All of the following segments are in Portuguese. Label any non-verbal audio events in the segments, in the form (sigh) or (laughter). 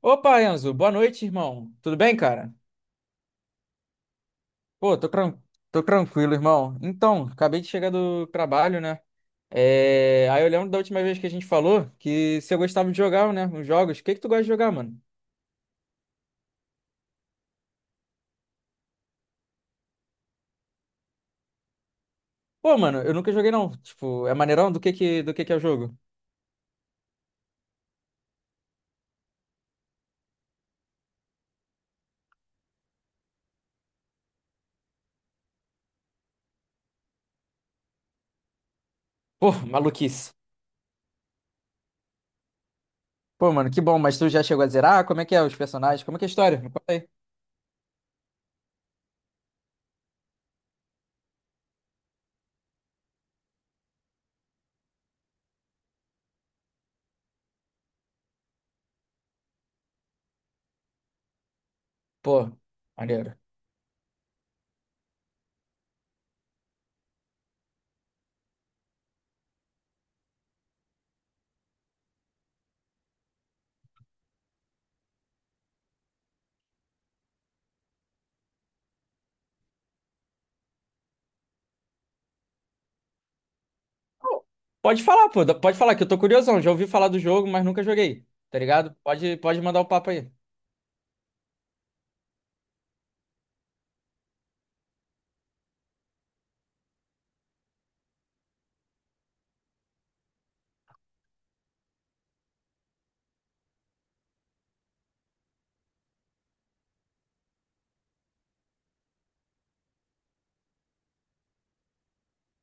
Opa, Enzo, boa noite, irmão. Tudo bem, cara? Pô, tô, tran- Tô tranquilo, irmão. Então, acabei de chegar do trabalho, né? Aí eu lembro da última vez que a gente falou que se eu gostava de jogar, né? Uns jogos. O que que tu gosta de jogar, mano? Pô, mano, eu nunca joguei, não. Tipo, é maneirão? Do que que é o jogo? Pô, maluquice. Pô, mano, que bom. Mas tu já chegou a zerar? Como é que é os personagens? Como é que é a história? Me conta aí. Pô, maneiro. Pô, pode falar, pô. Pode falar que eu tô curiosão. Já ouvi falar do jogo, mas nunca joguei. Tá ligado? Pode mandar o papo aí.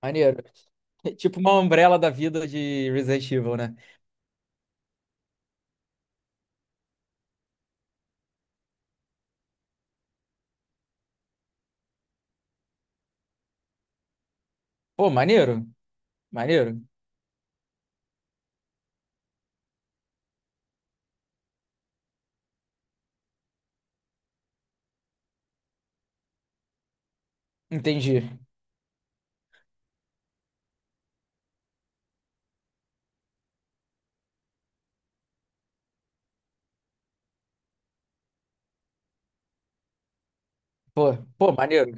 Maneiro. (laughs) Tipo uma Umbrella da vida de Resident Evil, né? Pô, maneiro. Maneiro. Entendi. Pô, pô, maneiro.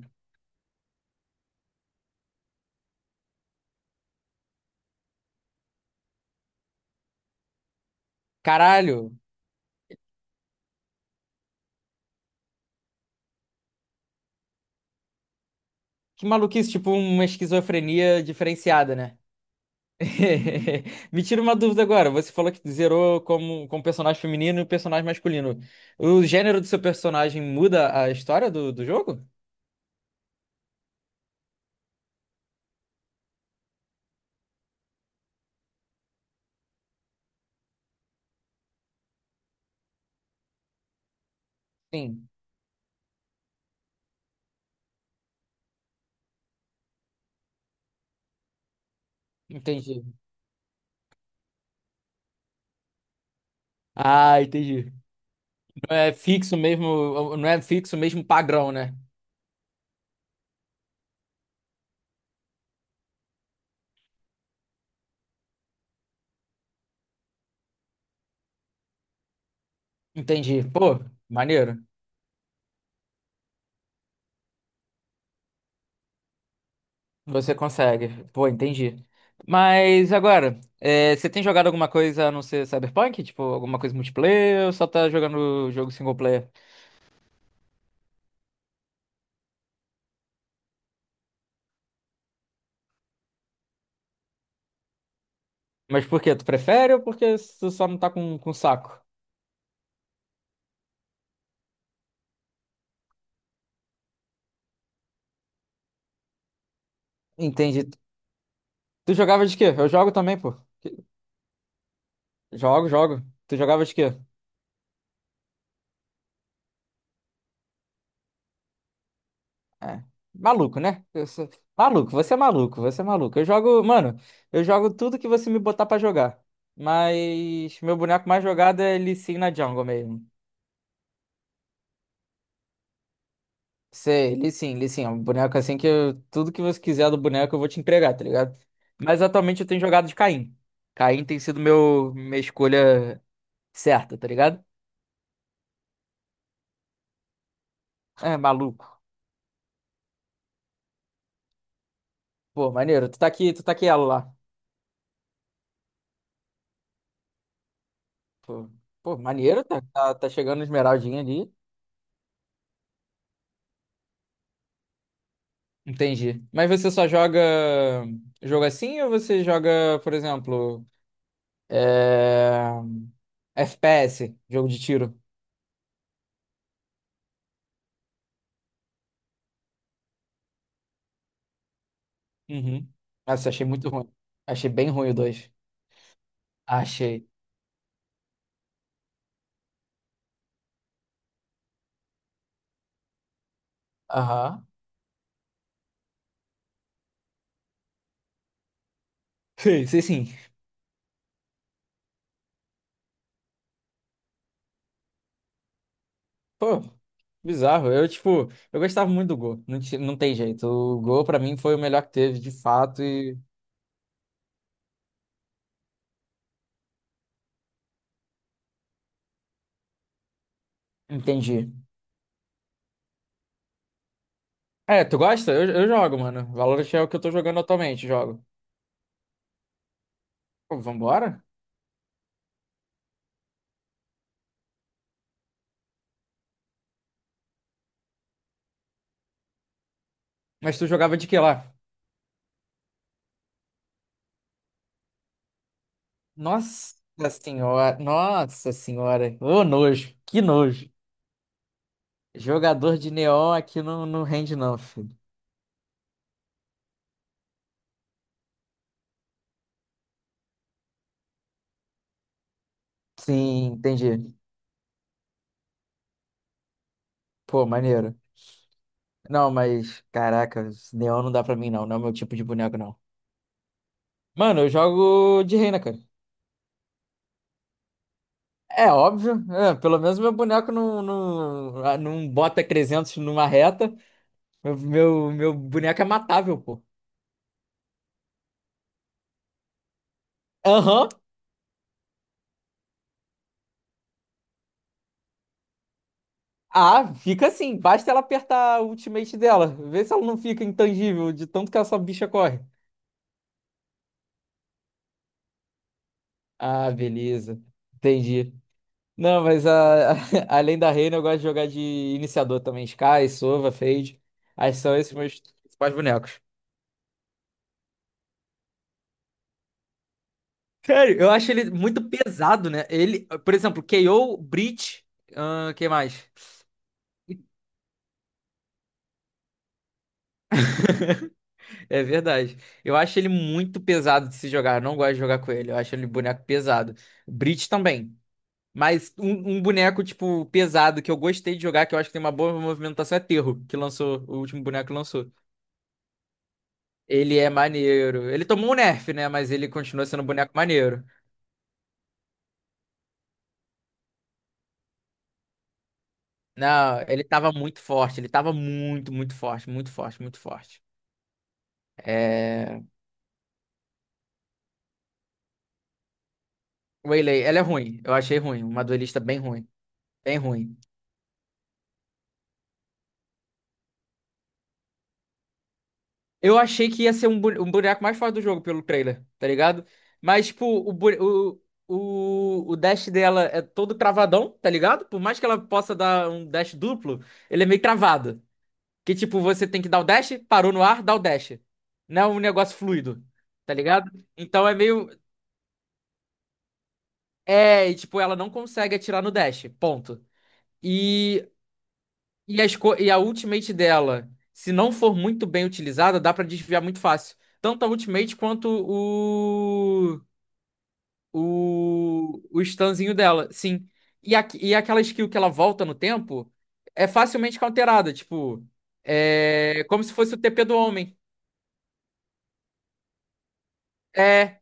Caralho. Que maluquice, tipo uma esquizofrenia diferenciada, né? (laughs) Me tira uma dúvida agora. Você falou que zerou como personagem feminino e personagem masculino. O gênero do seu personagem muda a história do jogo? Sim, entendi. Ah, entendi. Não é fixo mesmo, não é fixo mesmo padrão, né? Entendi. Pô, maneiro. Você consegue. Pô, entendi. Mas agora, é, você tem jogado alguma coisa a não ser Cyberpunk? Tipo, alguma coisa multiplayer ou só tá jogando jogo single player? Mas por quê? Tu prefere ou porque tu só não tá com saco? Entendi. Tu jogava de quê? Eu jogo também, pô. Jogo, jogo. Tu jogava de quê? É. Maluco, né? Eu sou... Maluco, você é maluco, você é maluco. Eu jogo, mano, eu jogo tudo que você me botar pra jogar. Mas meu boneco mais jogado é Lee Sin na jungle mesmo. Sei, li sim, li sim. É um boneco assim que tudo que você quiser do boneco eu vou te entregar, tá ligado? Mas atualmente eu tenho jogado de Caim. Caim tem sido meu, minha escolha certa, tá ligado? É, maluco. Pô, maneiro. Tu tá aqui ela lá. Pô, pô, maneiro, tá chegando esmeraldinha ali. Entendi. Mas você só joga jogo assim ou você joga, por exemplo, é, FPS, jogo de tiro? Uhum. Nossa, achei muito ruim. Achei bem ruim o dois. Achei. Aham. Sei, sei sim. Pô, bizarro. Eu, tipo, eu gostava muito do Go. Não, não tem jeito. O Go, pra mim, foi o melhor que teve, de fato, e entendi. É, tu gosta? Eu jogo, mano. Valorant é o que eu tô jogando atualmente, jogo. Pô, vambora? Mas tu jogava de que lá? Nossa senhora, nossa senhora. Ô, nojo, que nojo. Jogador de neon aqui não, não rende não, filho. Sim, entendi. Pô, maneiro. Não, mas, caraca, neon não dá pra mim não, não é o meu tipo de boneco não. Mano, eu jogo de reina, cara. É óbvio, é, pelo menos meu boneco não, não, ah, não bota 300 numa reta. Meu boneco é matável, pô. Aham. Ah, fica assim. Basta ela apertar o ultimate dela. Vê se ela não fica intangível de tanto que essa bicha corre. Ah, beleza. Entendi. Não, mas a, (laughs) além da reina, eu gosto de jogar de iniciador também. Sky, Sova, Fade. Aí são esses meus principais bonecos. Sério, eu acho ele muito pesado, né? Ele, por exemplo, KO, Breach, quem mais? É verdade. Eu acho ele muito pesado de se jogar. Eu não gosto de jogar com ele. Eu acho ele boneco pesado. Breach também. Mas um boneco, tipo, pesado que eu gostei de jogar, que eu acho que tem uma boa movimentação, é Terro, que lançou, o último boneco que lançou. Ele é maneiro. Ele tomou um nerf, né? Mas ele continua sendo um boneco maneiro. Não, ele tava muito forte. Ele tava muito, muito forte, muito forte, muito forte. É. Waylay, ela é ruim. Eu achei ruim. Uma duelista bem ruim. Bem ruim. Eu achei que ia ser um, um boneco mais forte do jogo pelo trailer, tá ligado? Mas, tipo, o, bu- o dash dela é todo travadão, tá ligado? Por mais que ela possa dar um dash duplo, ele é meio travado. Que, tipo, você tem que dar o dash, parou no ar, dá o dash. Não é um negócio fluido, tá ligado? Então é meio. É, e, tipo, ela não consegue atirar no dash, ponto. E e a ultimate dela, se não for muito bem utilizada, dá pra desviar muito fácil. Tanto a ultimate quanto o. O stunzinho dela, sim. E, a, e aquela skill que ela volta no tempo é facilmente counterada. Tipo, é como se fosse o TP do homem. É,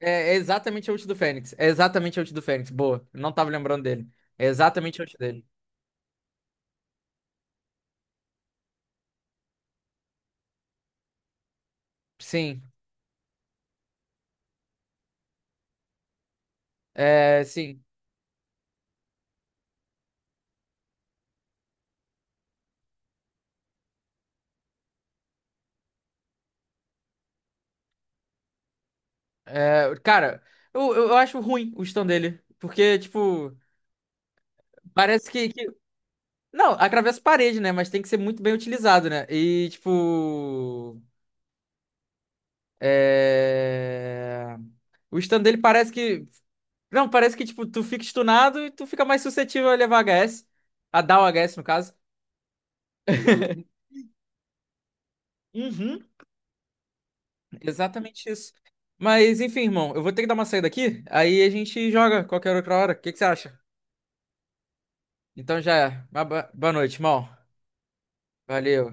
é exatamente a ult do Fênix. É exatamente a ult do Fênix. Boa. Não tava lembrando dele. É exatamente a ult dele. Sim. É, sim. É, cara, eu acho ruim o stun dele. Porque, tipo, parece não, atravessa a parede, né? Mas tem que ser muito bem utilizado, né? E, tipo. É... O stun dele parece que. Não, parece que, tipo, tu fica stunado e tu fica mais suscetível a levar HS. A dar o HS, no caso. Uhum, exatamente isso. Mas, enfim, irmão, eu vou ter que dar uma saída aqui. Aí a gente joga qualquer outra hora. O que que você acha? Então já é. Uma boa noite, irmão. Valeu.